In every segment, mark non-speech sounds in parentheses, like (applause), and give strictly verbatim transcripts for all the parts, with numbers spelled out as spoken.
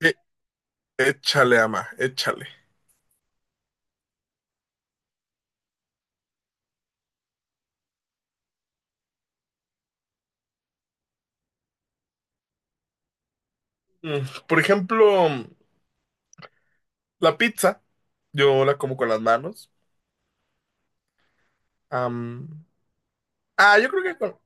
Eh, Échale, ama, échale. Mm, Por ejemplo, la pizza, yo la como con las manos. Am, ah, yo creo que, con-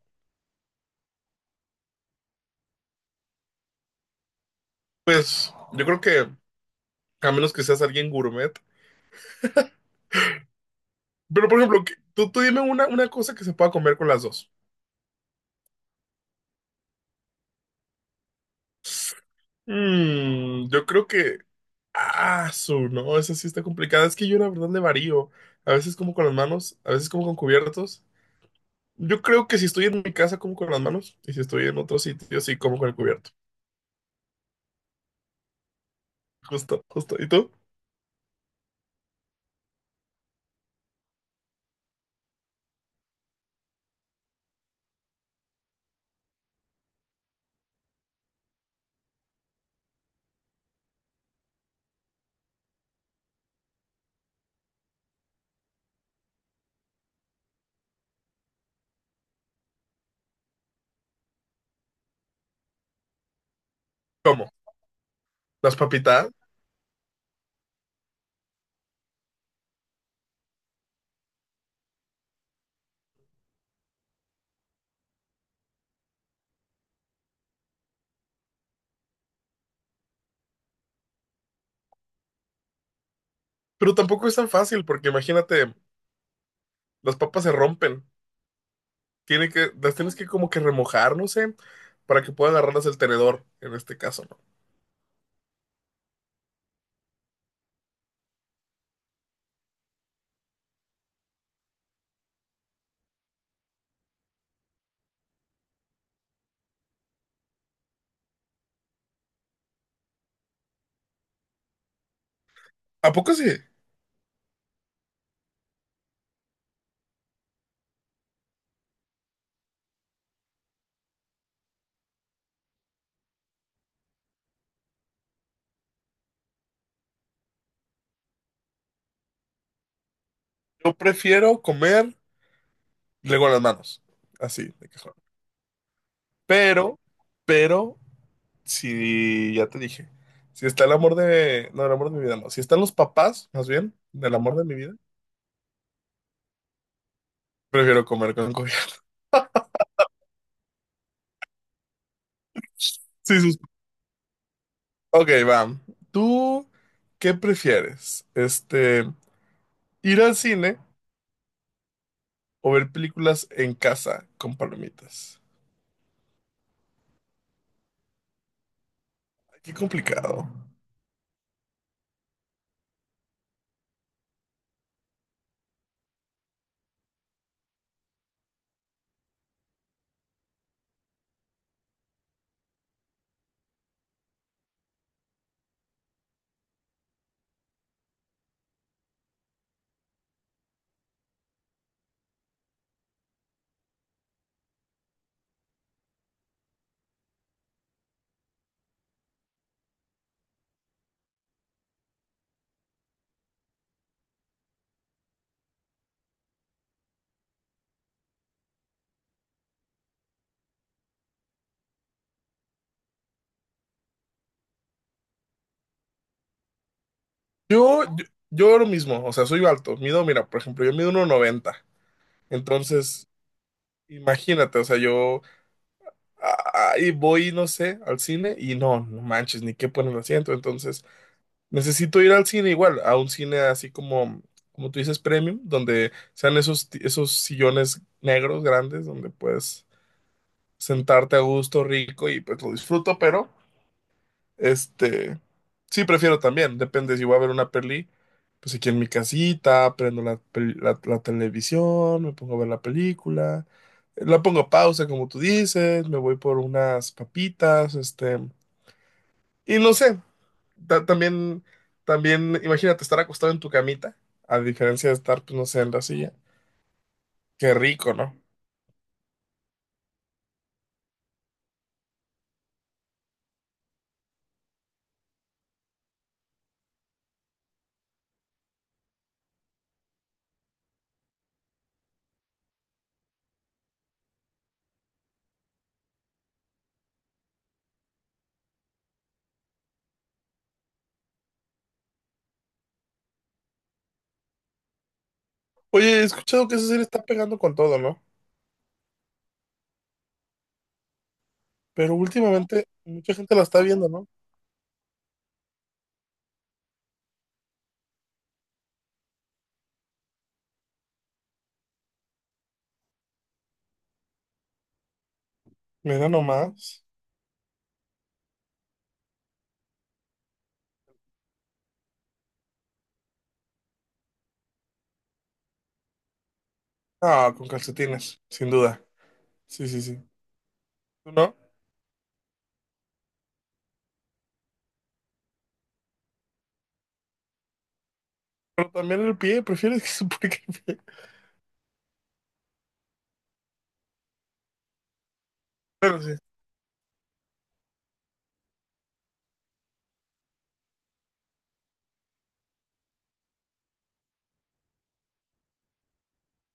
Pues, yo creo que, a menos que seas alguien gourmet. Pero, por ejemplo, que- tú, tú dime una, una cosa que se pueda comer con las dos. Mm, yo creo que, ah, su, no, esa sí está complicada. Es que yo la verdad le varío. A veces como con las manos, a veces como con cubiertos. Yo creo que si estoy en mi casa como con las manos y si estoy en otro sitio sí como con el cubierto. Justo, justo. ¿Y tú? ¿Cómo? Las papitas, pero tampoco es tan fácil porque imagínate, las papas se rompen, tiene que, las tienes que como que remojar, no sé, para que pueda agarrarlas el tenedor, en este caso, ¿no? ¿A poco sí? Yo prefiero comer luego las manos, así, de cajón. Pero, pero, si ya te dije, si está el amor de, no, el amor de mi vida, no, si están los papás, más bien, del amor de mi vida, prefiero comer con cubierto. (laughs) Sí, sus... Ok, va. ¿Tú qué prefieres? Este, Ir al cine o ver películas en casa con palomitas. Ay, qué complicado. Yo, yo, yo lo mismo, o sea, soy alto. Mido, mira, por ejemplo, yo mido uno noventa. Entonces, imagínate, o sea, yo ah, ahí voy, no sé, al cine y no, no manches, ni qué poner el asiento. Entonces, necesito ir al cine igual, a un cine así como, como tú dices, premium, donde sean esos, ti- esos sillones negros grandes, donde puedes sentarte a gusto, rico y pues lo disfruto, pero Este, sí, prefiero también, depende si voy a ver una peli, pues aquí en mi casita, prendo la, pel- la, la televisión, me pongo a ver la película, eh, la pongo a pausa, como tú dices, me voy por unas papitas, este, y no sé, ta- también, también, imagínate estar acostado en tu camita, a diferencia de estar, pues no sé, en la silla, qué rico, ¿no? Oye, he escuchado que esa serie está pegando con todo, ¿no? Pero últimamente mucha gente la está viendo, ¿no? Me da nomás. Ah, con calcetines, sin duda. Sí, sí, sí. ¿Tú no? Pero también el pie, prefieres que suponga que (laughs) el pie. Pero sí.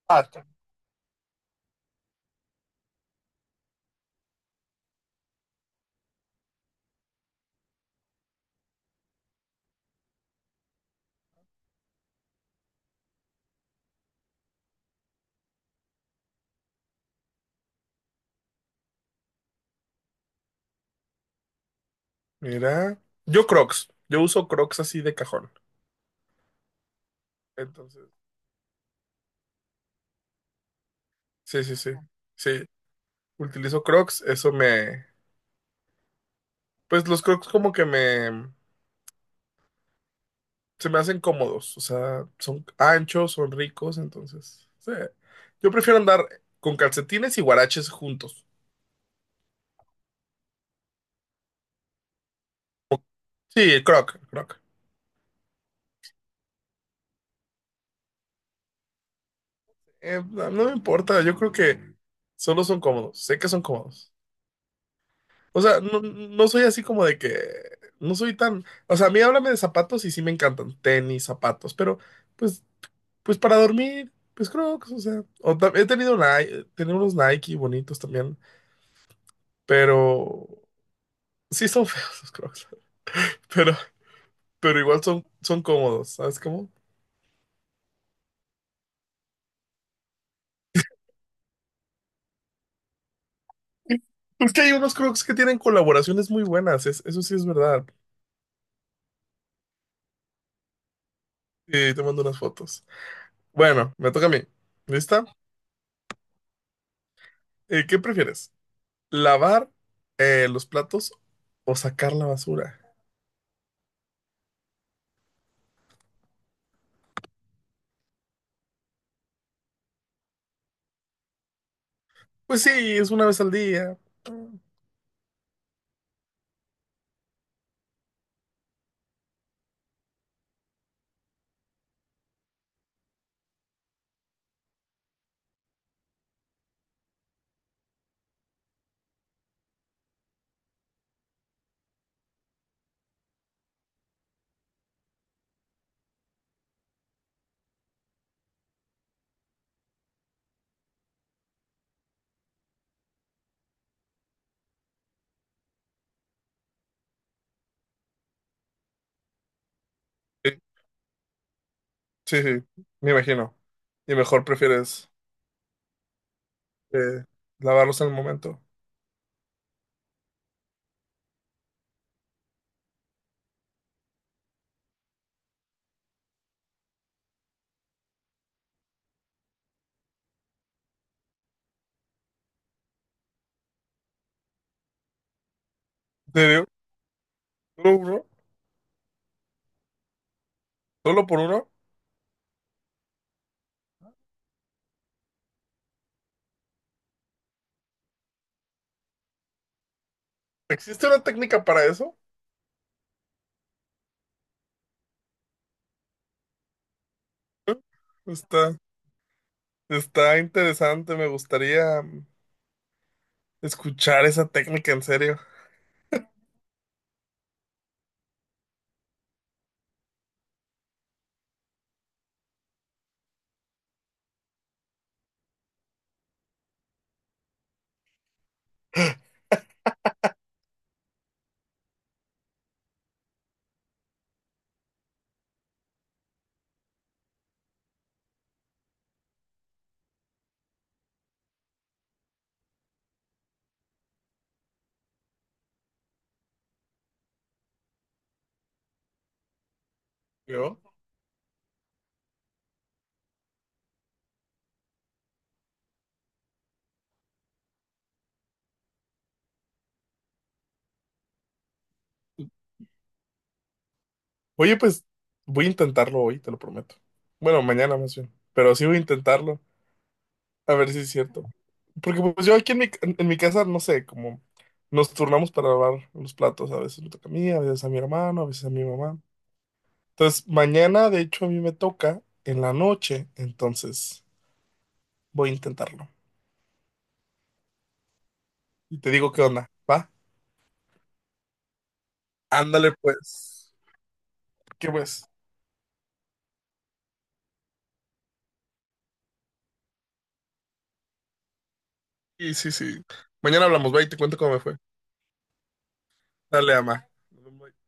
Ah, está. Mira. Yo Crocs. Yo uso Crocs así de cajón. Entonces, sí, sí, sí. Sí. Utilizo Crocs. Eso me. Pues los Crocs como que me. Se me hacen cómodos. O sea, son anchos, son ricos. Entonces, sí. Yo prefiero andar con calcetines y guaraches juntos. Sí, Croc, Croc. Eh, no, no me importa, yo creo que solo son cómodos, sé que son cómodos. O sea, no, no soy así como de que, no soy tan, o sea, a mí háblame de zapatos y sí me encantan, tenis, zapatos, pero pues, pues para dormir, pues Crocs, o sea, o ta- he tenido Nike, tenía unos Nike bonitos también, pero sí son (laughs) feos los Crocs, (laughs) pero, pero igual son, son cómodos, ¿sabes cómo? Es que hay unos Crocs que tienen colaboraciones muy buenas, es- eso sí es verdad. Y te mando unas fotos. Bueno, me toca a mí. ¿Lista? Eh, ¿qué prefieres? ¿Lavar eh, los platos o sacar la basura? Pues sí, es una vez al día. Sí, sí, sí, me imagino. Y mejor prefieres eh, lavarlos en el momento. ¿En serio? ¿Solo uno? ¿Solo por uno? ¿Existe una técnica para eso? ¿Eh? Está, está interesante, me gustaría mm, escuchar esa técnica en serio. ¿Yo? Oye, pues voy a intentarlo hoy, te lo prometo. Bueno, mañana más bien. Pero sí voy a intentarlo, a ver si es cierto. Porque pues yo aquí en mi, en, en mi casa, no sé, como nos turnamos para lavar los platos. A veces me toca a mí, a veces a mi hermano, a veces a mi mamá. Entonces, mañana, de hecho, a mí me toca en la noche. Entonces, voy a intentarlo. Y te digo qué onda, ¿va? Ándale, pues. ¿Qué pues? Sí, sí, sí. Mañana hablamos, va, y te cuento cómo me fue. Dale, ama. Nos vemos.